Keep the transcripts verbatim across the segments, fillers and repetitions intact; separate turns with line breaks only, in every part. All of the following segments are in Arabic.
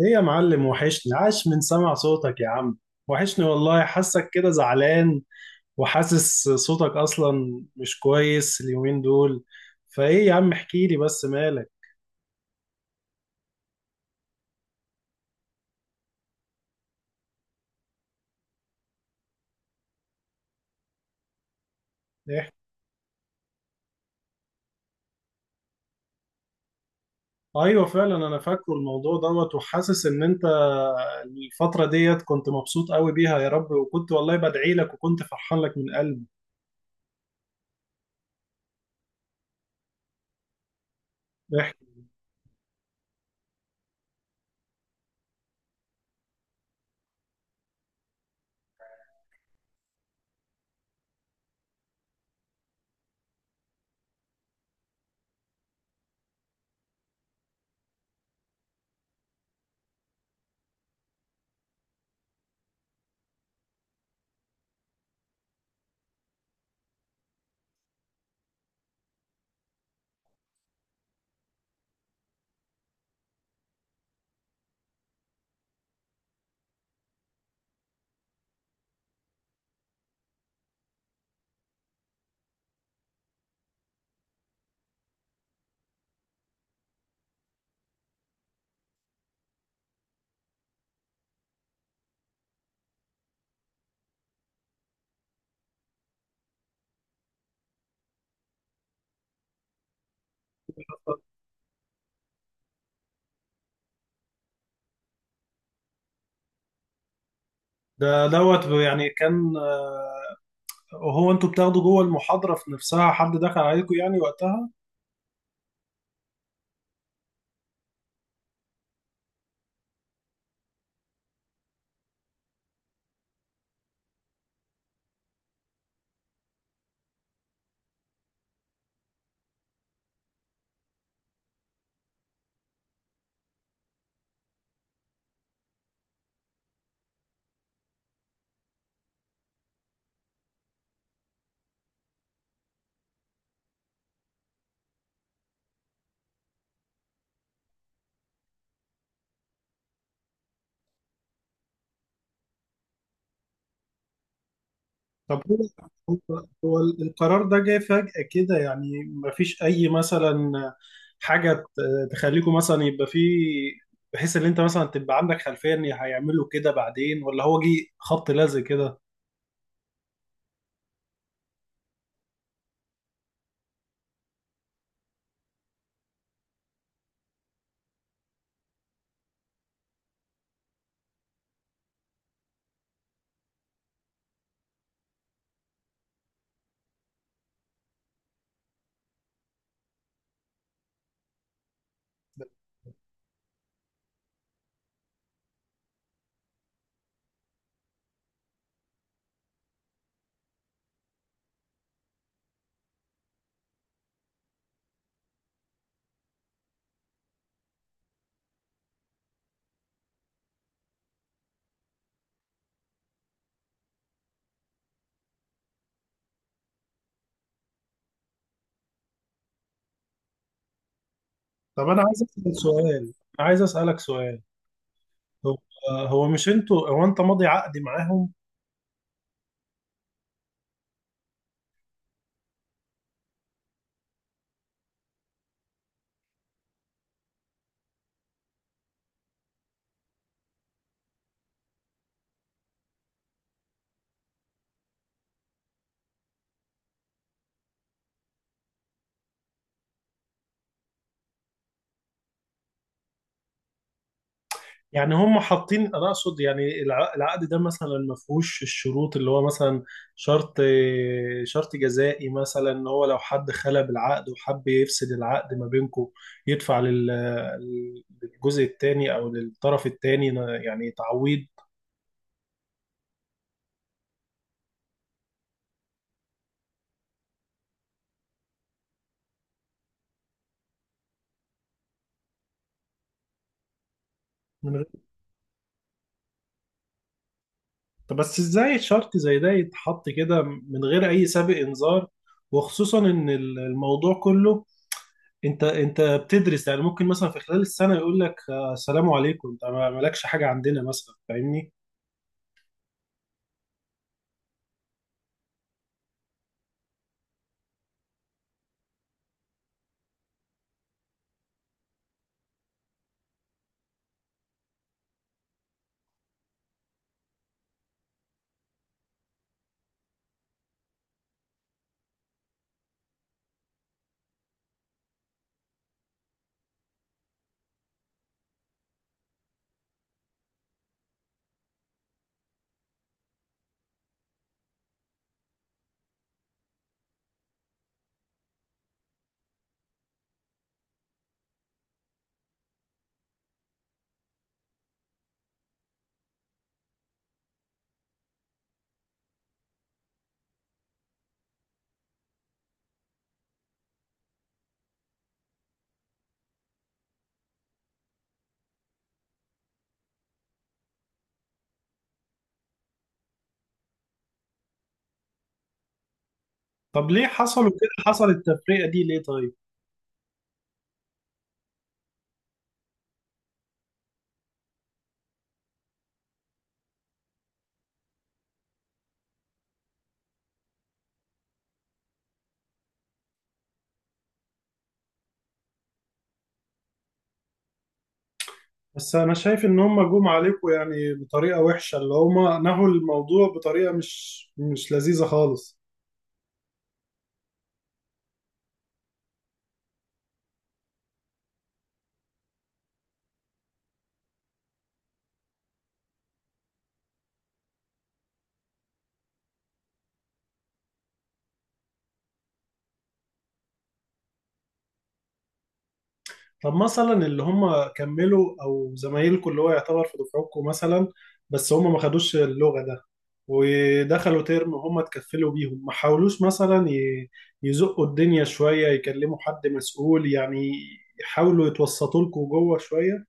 ايه يا معلم وحشني، عاش من سمع صوتك يا عم. وحشني والله، حاسك كده زعلان وحاسس صوتك اصلا مش كويس اليومين دول. فايه يا عم احكي لي بس مالك. احكي. ايوه فعلا انا فاكره الموضوع دوت، وحاسس ان انت الفترة ديت كنت مبسوط قوي بيها، يا رب. وكنت والله بدعي لك وكنت فرحان لك من قلبي. احكي. ده دوت يعني كان، هو انتوا بتاخدوا جوه المحاضرة في نفسها حد دخل عليكم يعني وقتها؟ طب هو، هو هو القرار ده جاي فجأة كده يعني؟ مفيش أي مثلا حاجة ت- تخليكم مثلا يبقى فيه، بحيث إن أنت مثلا تبقى عندك خلفية إن هيعملوا كده بعدين، ولا هو جه خبط لزق كده؟ طب أنا عايز أسأل سؤال، أنا عايز أسألك سؤال. هو، هو مش أنتوا، هو أنت ماضي عقد معاهم؟ يعني هم حاطين، انا اقصد يعني الع- العقد ده مثلا ما فيهوش الشروط اللي هو مثلا، شرط شرط جزائي مثلا، ان هو لو حد خلى بالعقد وحب يفسد العقد ما بينكم، يدفع لل- للجزء الثاني او للطرف الثاني، يعني تعويض. من غير، طب بس ازاي شرط زي ده يتحط كده من غير اي سابق انذار؟ وخصوصا ان الموضوع كله، انت انت بتدرس يعني، ممكن مثلا في خلال السنه يقول لك آه، السلام عليكم انت ما- مالكش حاجه عندنا مثلا، فاهمني؟ طب ليه حصلوا كده؟ حصل التفرقه دي ليه طيب؟ بس انا شايف ان هم جم عليكم يعني بطريقه وحشه، اللي هم نهوا الموضوع بطريقه مش مش لذيذه خالص. طب مثلا اللي هم كملوا او زمايلكم اللي هو يعتبر في دفعتكم مثلا، بس هم ما خدوش اللغة ده ودخلوا ترم وهم اتكفلوا بيهم، ما حاولوش مثلا ي- يزقوا الدنيا شوية، يكلموا حد مسؤول يعني، يحاولوا يتوسطوا لكم جوه شوية؟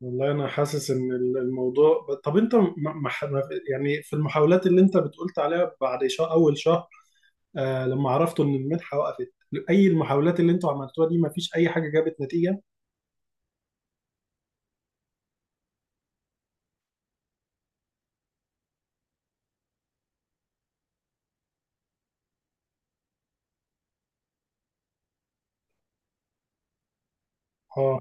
والله انا حاسس ان ال- الموضوع ب- طب انت ما ما- ح- ما- يعني في المحاولات اللي انت بتقولت عليها بعد شهر، اول شهر آه لما عرفتوا ان المنحة وقفت، اي المحاولات اللي انتوا عملتوها دي ما فيش اي حاجة جابت نتيجة؟ اه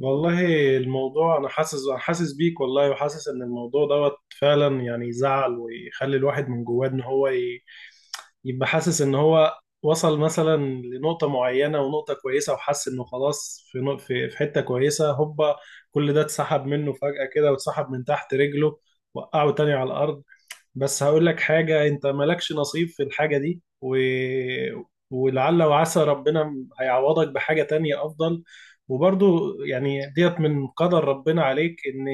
والله الموضوع، انا حاسس، انا حاسس بيك والله، وحاسس ان الموضوع دوت فعلا يعني يزعل، ويخلي الواحد من جواه ان هو ي- يبقى حاسس ان هو وصل مثلا لنقطة معينة ونقطة كويسة، وحس انه خلاص في نق- في في حتة كويسة، هوبا كل ده اتسحب منه فجأة كده، واتسحب من تحت رجله، وقعه تاني على الارض. بس هقول لك حاجة، انت مالكش نصيب في الحاجة دي، و... ولعل وعسى ربنا هيعوضك بحاجة تانية افضل. وبرضو يعني ديت من قدر ربنا عليك، ان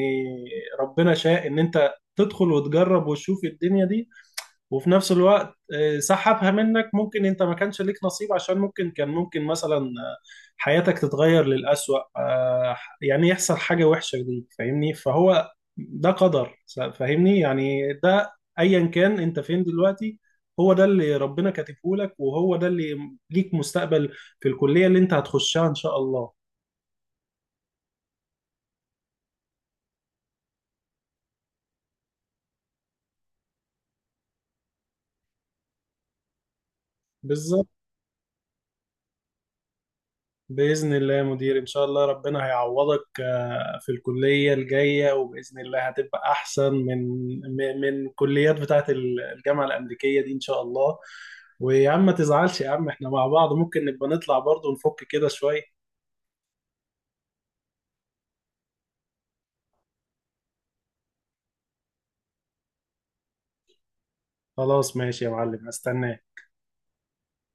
ربنا شاء ان انت تدخل وتجرب وتشوف الدنيا دي، وفي نفس الوقت آه، سحبها منك. ممكن انت ما كانش ليك نصيب، عشان ممكن كان، ممكن مثلا آه، حياتك تتغير للأسوأ، آه، يعني يحصل حاجة وحشة ليك، فاهمني؟ فهو ده قدر، فاهمني؟ يعني ده ايا كان انت فين دلوقتي، هو ده اللي ربنا كاتبه لك، وهو ده اللي ليك مستقبل في الكلية اللي انت هتخشها ان شاء الله. بالظبط. بإذن الله يا مدير، إن شاء الله ربنا هيعوضك آه، في الكلية الجاية، وبإذن الله هتبقى أحسن من من من كليات بتاعة الجامعة الأمريكية دي إن شاء الله. ويا عم ما تزعلش يا عم، إحنا مع بعض ممكن نبقى نطلع برضه نفك كده شوية. خلاص ماشي يا معلم، هستناك.